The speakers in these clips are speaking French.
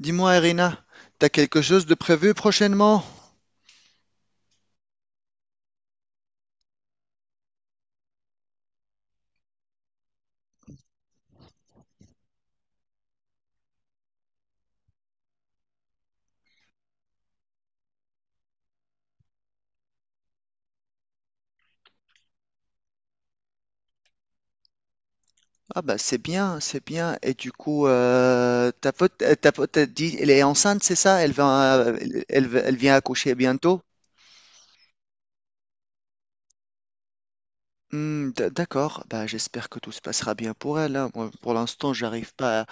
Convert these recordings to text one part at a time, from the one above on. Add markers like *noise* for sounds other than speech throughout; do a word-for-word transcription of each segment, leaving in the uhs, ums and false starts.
Dis-moi, Irina, t'as quelque chose de prévu prochainement? Ah bah c'est bien, c'est bien. Et du coup, euh, ta pote, euh, ta pote, t'as dit, elle est enceinte, c'est ça? Elle va, euh, elle, elle elle vient accoucher bientôt? Hmm, d- d'accord. Bah j'espère que tout se passera bien pour elle, hein. Moi, pour l'instant, j'arrive pas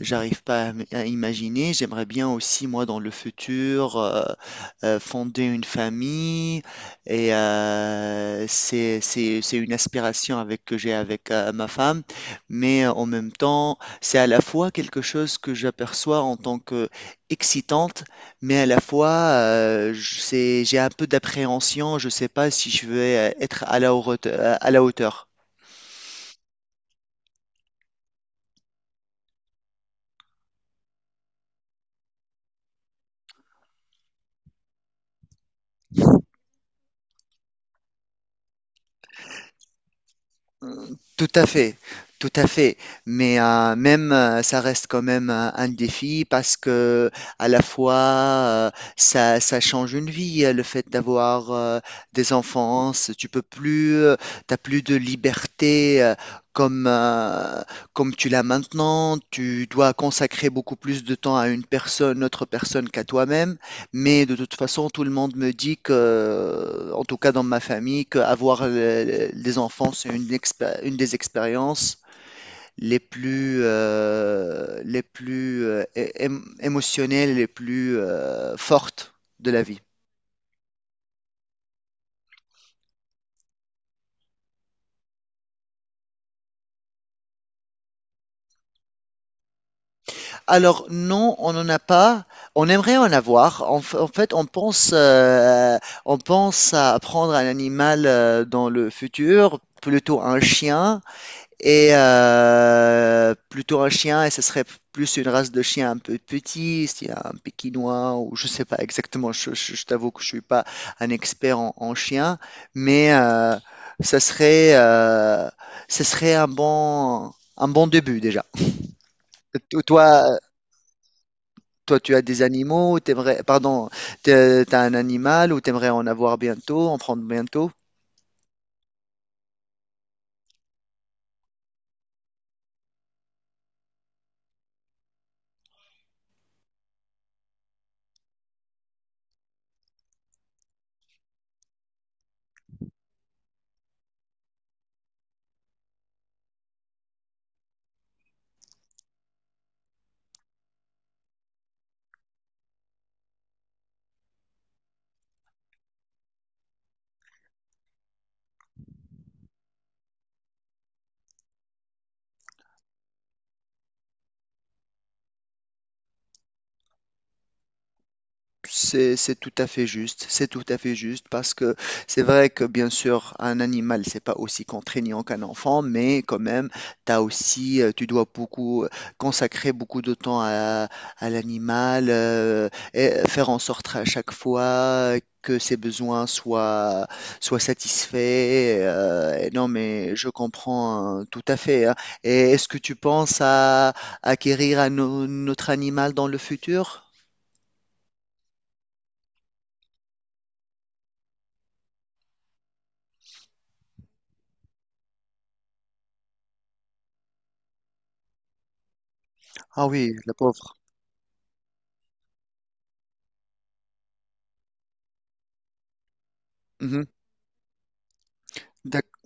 j'arrive pas à, m- à imaginer. J'aimerais bien aussi, moi, dans le futur, euh, euh, fonder une famille. Et euh, c'est, c'est, c'est une aspiration avec, que j'ai avec euh, ma femme. Mais euh, en même temps, c'est à la fois quelque chose que j'aperçois en tant que excitante, mais à la fois, euh, je- c'est, j'ai un peu d'appréhension. Je sais pas si je vais euh, être à la haute- à la hauteur. Tout à fait, tout à fait. Mais euh, même, euh, ça reste quand même un, un défi parce que à la fois, euh, ça, ça change une vie, euh, le fait d'avoir euh, des enfants. c'est- Tu peux plus, euh, t'as plus de liberté euh, comme euh, comme tu l'as maintenant. Tu dois consacrer beaucoup plus de temps à une personne, autre personne qu'à toi-même. Mais de toute façon, tout le monde me dit que, en tout cas dans ma famille, qu'avoir des enfants, c'est une, expé- une des expériences les plus, euh, les plus euh, é- ém- émotionnelles, les plus euh, fortes de la vie. Alors non, on n'en a pas. On aimerait en avoir. En, f- en fait, on pense, euh, on pense à prendre un animal euh, dans le futur, plutôt un chien. Et euh, plutôt un chien, et ce serait plus une race de chien un peu petit, s'il y a un pékinois, ou je sais pas exactement, je, je- je t'avoue que je suis pas un expert en, en chien, mais euh, ça serait, euh, ce serait un bon, un bon début déjà. To- Toi, toi, tu as des animaux, t'aimerais, pardon, t'es- t'as un animal ou t'aimerais en avoir bientôt, en prendre bientôt? C'est, c'est tout à fait juste, c'est tout à fait juste parce que c'est vrai que bien sûr un animal c'est pas aussi contraignant qu'un enfant mais quand même t'as aussi euh, tu dois beaucoup euh, consacrer beaucoup de temps à, à l'animal euh, et faire en sorte à chaque fois que ses besoins soient soient satisfaits euh, et non mais je comprends euh, tout à fait, hein. Et est-ce que tu penses à acquérir un au- autre animal dans le futur? Ah oui, la pauvre. Mhm. D'ac-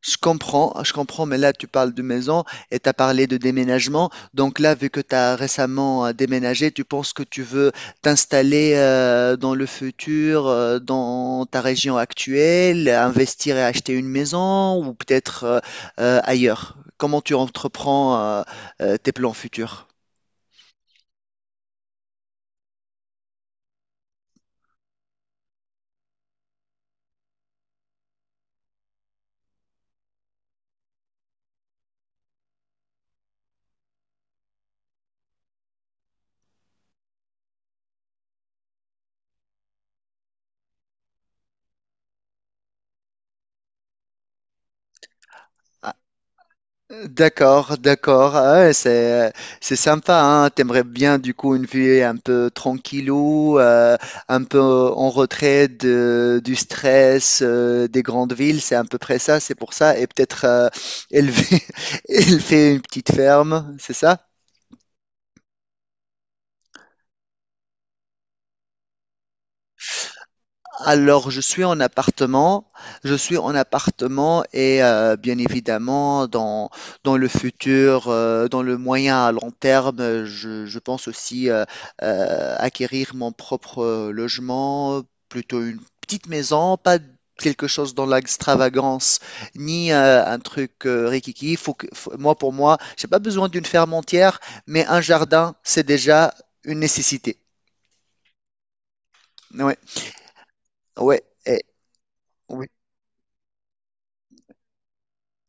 Je comprends, je comprends, mais là tu parles de maison et tu as parlé de déménagement. Donc là, vu que tu as récemment euh, déménagé, tu penses que tu veux t'installer euh, dans le futur, euh, dans ta région actuelle, investir et acheter une maison ou peut-être euh, euh, ailleurs. Comment tu entreprends euh, euh, tes plans futurs? D'accord, d'accord. Ah ouais, c'est c'est sympa, hein. T'aimerais bien du coup une vie un peu tranquillou, euh, un peu en retrait de, du stress euh, des grandes villes. C'est à peu près ça. C'est pour ça. Et peut-être euh, élever *laughs* élever une petite ferme. C'est ça? Alors, je suis en appartement, je suis en appartement et euh, bien évidemment, dans, dans le futur, euh, dans le moyen à long terme, euh, je, je pense aussi euh, euh, acquérir mon propre euh, logement, plutôt une petite maison, pas quelque chose dans l'extravagance, ni euh, un truc euh, riquiqui. Faut que, faut- moi, pour moi, j'ai pas besoin d'une ferme entière, mais un jardin, c'est déjà une nécessité. Ouais, ouais, et- oui.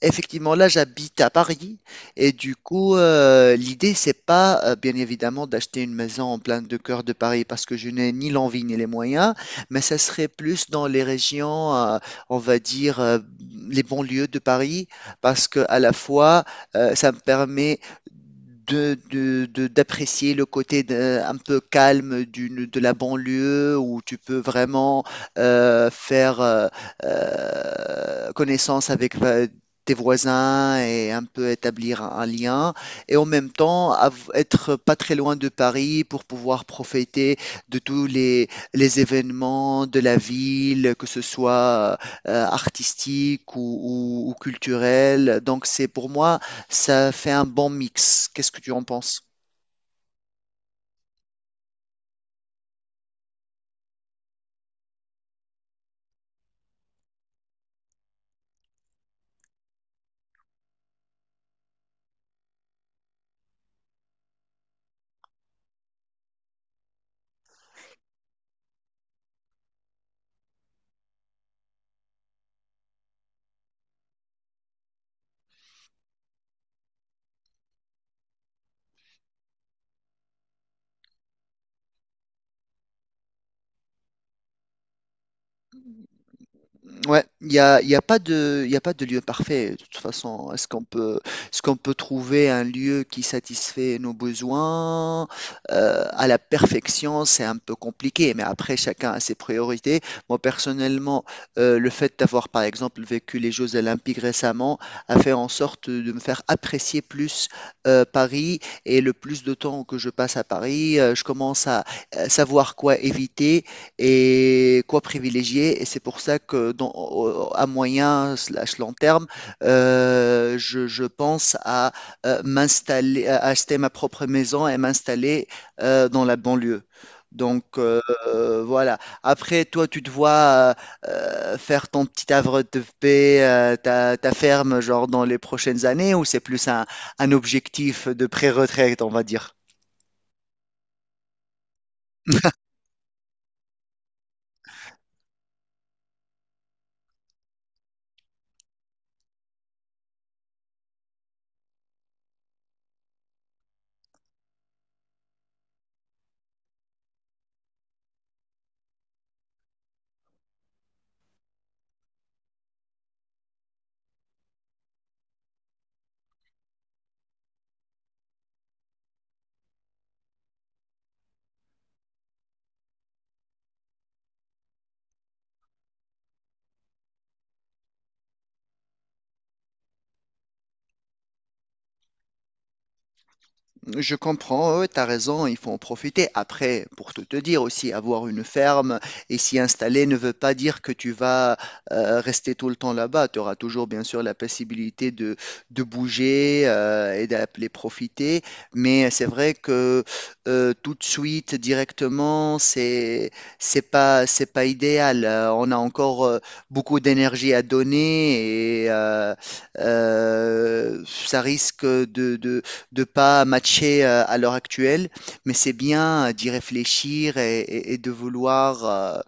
Effectivement, là, j'habite à Paris et du coup, euh, l'idée, c'est pas euh, bien évidemment d'acheter une maison en plein de cœur de Paris parce que je n'ai ni l'envie ni les moyens, mais ça serait plus dans les régions, euh, on va dire, euh, les banlieues de Paris parce que à la fois, euh, ça me permet de, de- de- d'apprécier le côté de- un peu calme d'une, de la banlieue où tu peux vraiment euh, faire euh, euh, connaissance avec va- tes voisins et un peu établir un un lien et en même temps av- être pas très loin de Paris pour pouvoir profiter de tous les, les événements de la ville, que ce soit euh, artistique ou, ou, ou culturel. Donc c'est pour moi, ça fait un bon mix. Qu'est-ce que tu en penses? Ouais, il n'y a, il y a pas de, il y a pas de lieu parfait. De toute façon, est-ce qu'on peut, est-ce qu'on peut trouver un lieu qui satisfait nos besoins euh, à la perfection? C'est un peu compliqué, mais après, chacun a ses priorités. Moi, personnellement, euh, le fait d'avoir, par exemple, vécu les Jeux Olympiques récemment a fait en sorte de me faire apprécier plus euh, Paris et le plus de temps que je passe à Paris, euh, je commence à euh, savoir quoi éviter et quoi privilégier. Et c'est pour ça que dans- au- à moyen slash long terme, euh, je, je pense à euh, m'installer, à acheter ma propre maison et m'installer euh, dans la banlieue. Donc euh, euh, voilà. Après, toi, tu te vois euh, euh, faire ton petit havre de paix, euh, ta, ta ferme, genre dans les prochaines années, ou c'est plus un, un objectif de pré-retraite, on va dire? Je comprends, ouais, tu raison, il faut en profiter. Après, pour tout te dire aussi, avoir une ferme et s'y installer ne veut pas dire que tu vas euh, rester tout le temps là-bas. Tu auras toujours, bien sûr, la possibilité de, de bouger euh, et d'appeler profiter. Mais c'est vrai que euh, tout de suite, directement, c'est, c'est pas, c'est pas idéal. Euh, on a encore euh, beaucoup d'énergie à donner et euh, euh, ça risque de, de de pas matcher euh, à l'heure actuelle, mais c'est bien euh, d'y réfléchir et, et- et de vouloir, euh,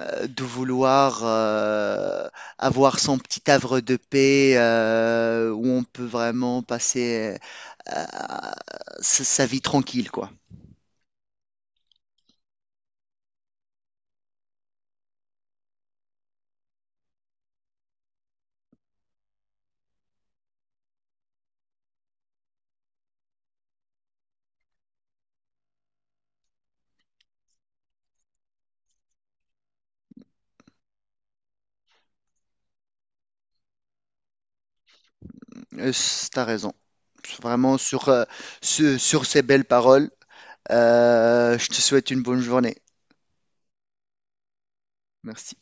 euh, de vouloir euh, avoir son petit havre de paix euh, où on peut vraiment passer euh, sa sa vie tranquille, quoi. Euh, c- T'as raison. Vraiment sur, euh, ce- sur ces belles paroles, euh, je te souhaite une bonne journée. Merci.